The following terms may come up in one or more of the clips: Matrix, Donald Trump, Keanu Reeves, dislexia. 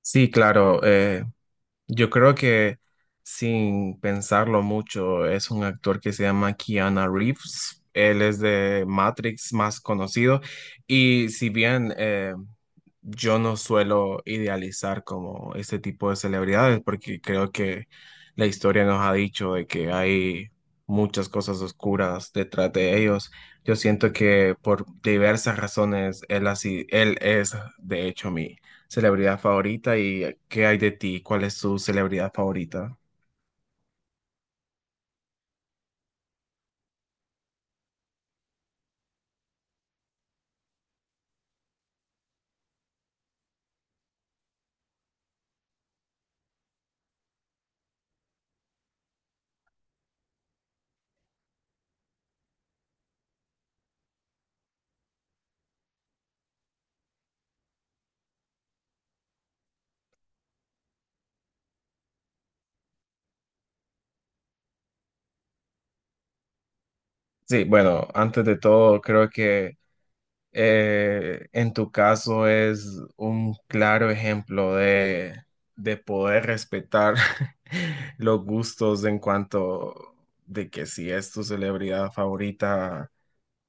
Sí, claro. Yo creo que sin pensarlo mucho, es un actor que se llama Keanu Reeves. Él es de Matrix más conocido. Y si bien yo no suelo idealizar como este tipo de celebridades, porque creo que la historia nos ha dicho de que hay muchas cosas oscuras detrás de ellos. Yo siento que por diversas razones él es de hecho mi celebridad favorita. ¿Y qué hay de ti? ¿Cuál es tu celebridad favorita? Sí, bueno, antes de todo, creo que en tu caso es un claro ejemplo de poder respetar los gustos en cuanto de que si es tu celebridad favorita,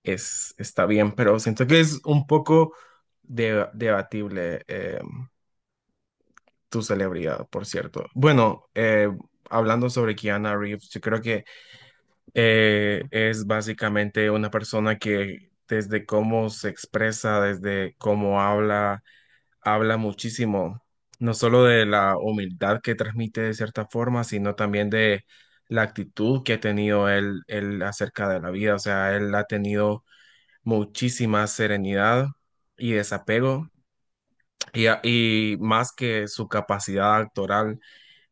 está bien, pero siento que es un poco debatible. Tu celebridad, por cierto. Bueno, hablando sobre Keanu Reeves, yo creo que es básicamente una persona que desde cómo se expresa, desde cómo habla, habla muchísimo, no solo de la humildad que transmite de cierta forma, sino también de la actitud que ha tenido él acerca de la vida. O sea, él ha tenido muchísima serenidad y desapego. Y más que su capacidad actoral,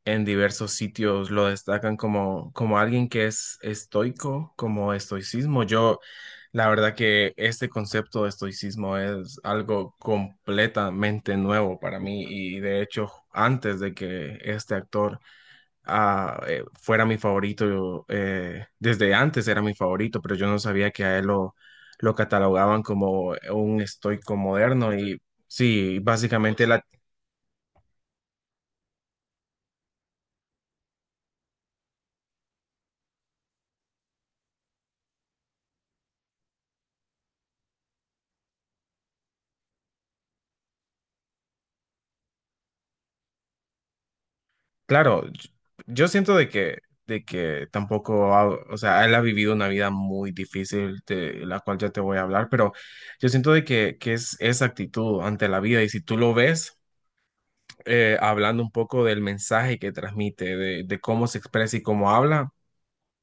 en diversos sitios lo destacan como alguien que es estoico, como estoicismo. Yo, la verdad que este concepto de estoicismo es algo completamente nuevo para mí, y de hecho antes de que este actor fuera mi favorito, yo, desde antes era mi favorito, pero yo no sabía que a él lo catalogaban como un estoico moderno y sí, básicamente la. Claro, yo siento de que tampoco, o sea, él ha vivido una vida muy difícil, de la cual ya te voy a hablar, pero yo siento que es esa actitud ante la vida. Y si tú lo ves, hablando un poco del mensaje que transmite, de, cómo se expresa y cómo habla,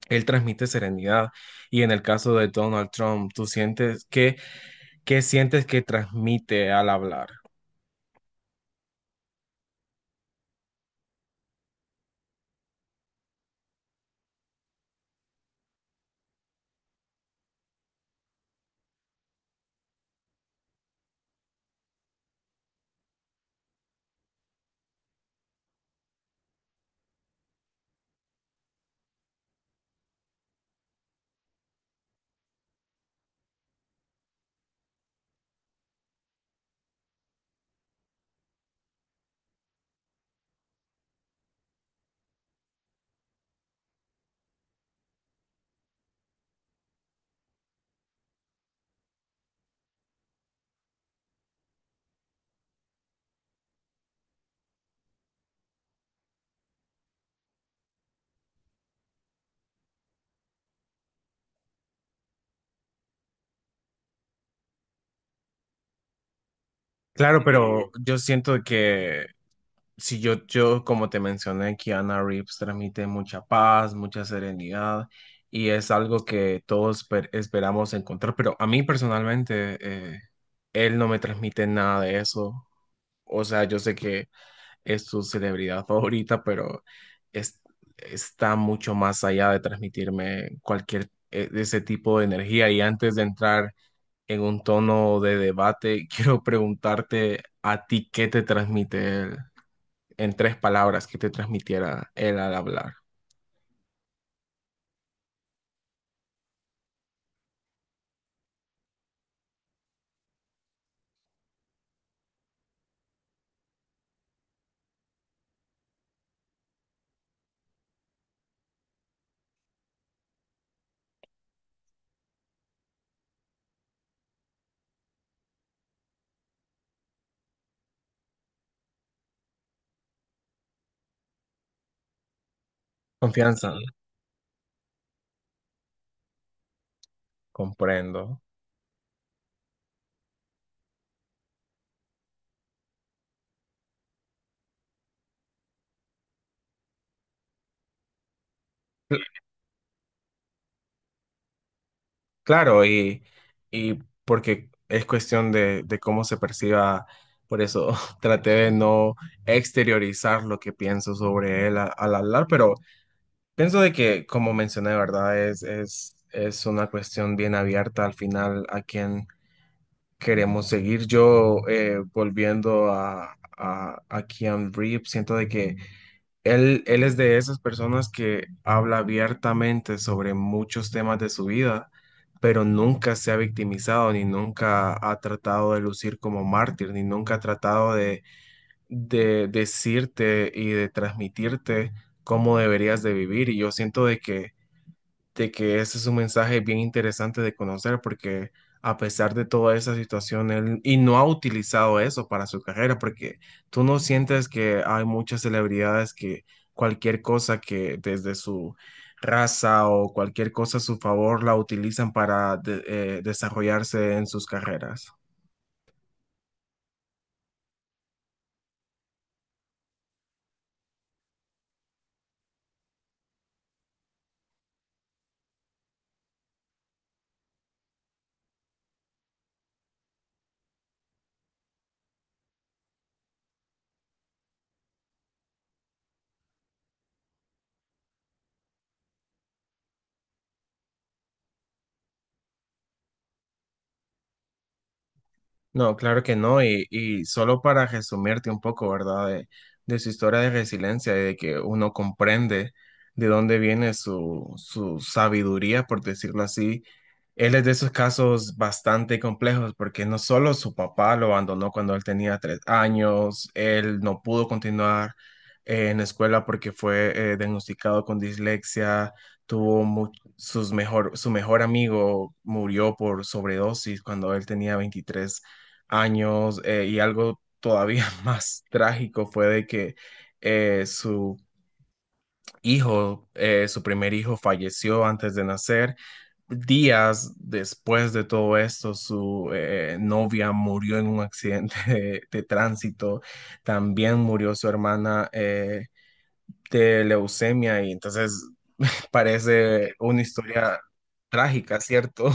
él transmite serenidad. Y en el caso de Donald Trump, ¿tú sientes que...? ¿Qué sientes que transmite al hablar? Claro, pero yo siento que Si yo, yo, como te mencioné, Keanu Reeves transmite mucha paz, mucha serenidad, y es algo que todos esperamos encontrar, pero a mí personalmente, eh, él no me transmite nada de eso. O sea, yo sé que es su celebridad favorita, pero es- está mucho más allá de transmitirme cualquier de ese tipo de energía. Y antes de entrar en un tono de debate, quiero preguntarte a ti qué te transmite él en tres palabras que te transmitiera él al hablar. Confianza, comprendo. Claro, y porque es cuestión de, cómo se perciba, por eso traté de no exteriorizar lo que pienso sobre él al hablar, pero pienso de que, como mencioné, ¿verdad? Es una cuestión bien abierta al final a quién queremos seguir. Yo, volviendo a Keanu Reeves, siento de que él es de esas personas que habla abiertamente sobre muchos temas de su vida, pero nunca se ha victimizado, ni nunca ha tratado de lucir como mártir, ni nunca ha tratado de decirte y de transmitirte cómo deberías de vivir. Y yo siento de que ese es un mensaje bien interesante de conocer, porque a pesar de toda esa situación, él y no ha utilizado eso para su carrera. Porque, ¿tú no sientes que hay muchas celebridades que cualquier cosa que desde su raza o cualquier cosa a su favor la utilizan para desarrollarse en sus carreras? No, claro que no, y solo para resumirte un poco, ¿verdad? De su historia de resiliencia y de que uno comprende de dónde viene su sabiduría, por decirlo así. Él es de esos casos bastante complejos porque no solo su papá lo abandonó cuando él tenía 3 años, él no pudo continuar en la escuela porque fue diagnosticado con dislexia, tuvo mu- su mejor amigo murió por sobredosis cuando él tenía 23 años, y algo todavía más trágico fue de que eh, su su primer hijo falleció antes de nacer. Días después de todo esto, su novia murió en un accidente de tránsito. También murió su hermana de leucemia y entonces parece una historia trágica, ¿cierto?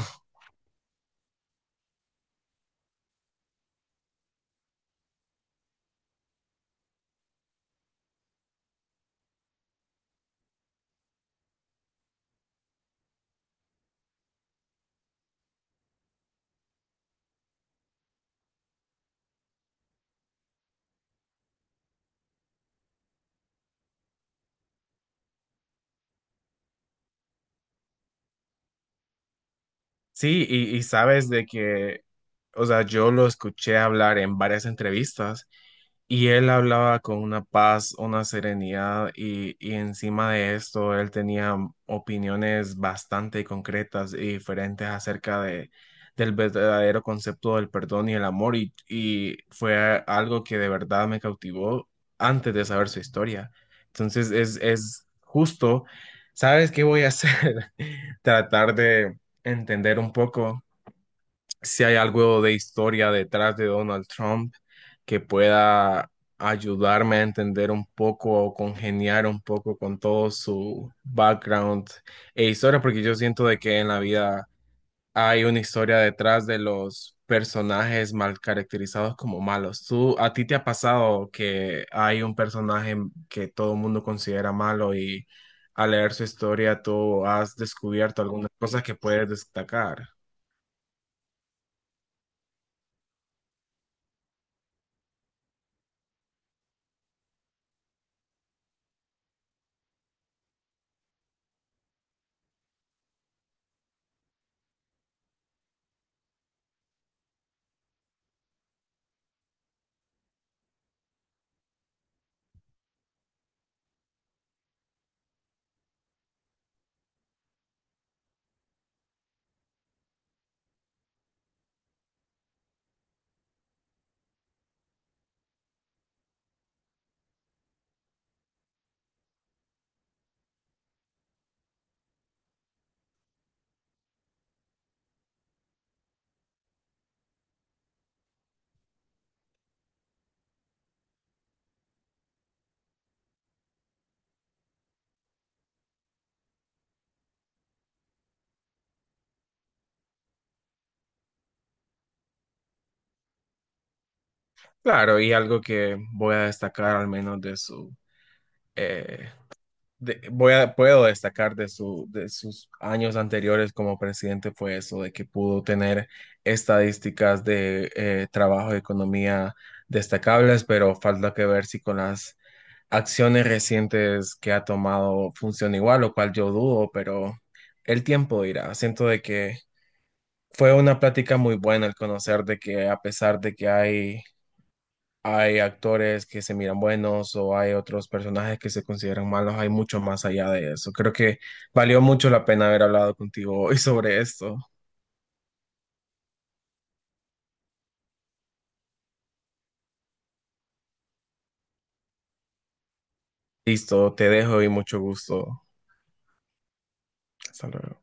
Sí, y sabes de que, o sea, yo lo escuché hablar en varias entrevistas y él hablaba con una paz, una serenidad, y encima de esto él tenía opiniones bastante concretas y diferentes acerca del verdadero concepto del perdón y el amor, y fue algo que de verdad me cautivó antes de saber su historia. Entonces es justo. ¿Sabes qué voy a hacer? Tratar de entender un poco si hay algo de historia detrás de Donald Trump que pueda ayudarme a entender un poco o congeniar un poco con todo su background e historia, porque yo siento de que en la vida hay una historia detrás de los personajes mal caracterizados como malos. ¿A ti te ha pasado que hay un personaje que todo el mundo considera malo y al leer su historia tú has descubierto algunas cosas que puedes destacar? Claro, y algo que voy a destacar al menos de su, eh, de- voy a, puedo destacar de sus años anteriores como presidente fue eso, de que pudo tener estadísticas de trabajo y economía destacables, pero falta que ver si con las acciones recientes que ha tomado funciona igual, lo cual yo dudo, pero el tiempo dirá. Siento de que fue una plática muy buena el conocer de que a pesar de que hay actores que se miran buenos o hay otros personajes que se consideran malos, hay mucho más allá de eso. Creo que valió mucho la pena haber hablado contigo hoy sobre esto. Listo, te dejo y mucho gusto. Hasta luego.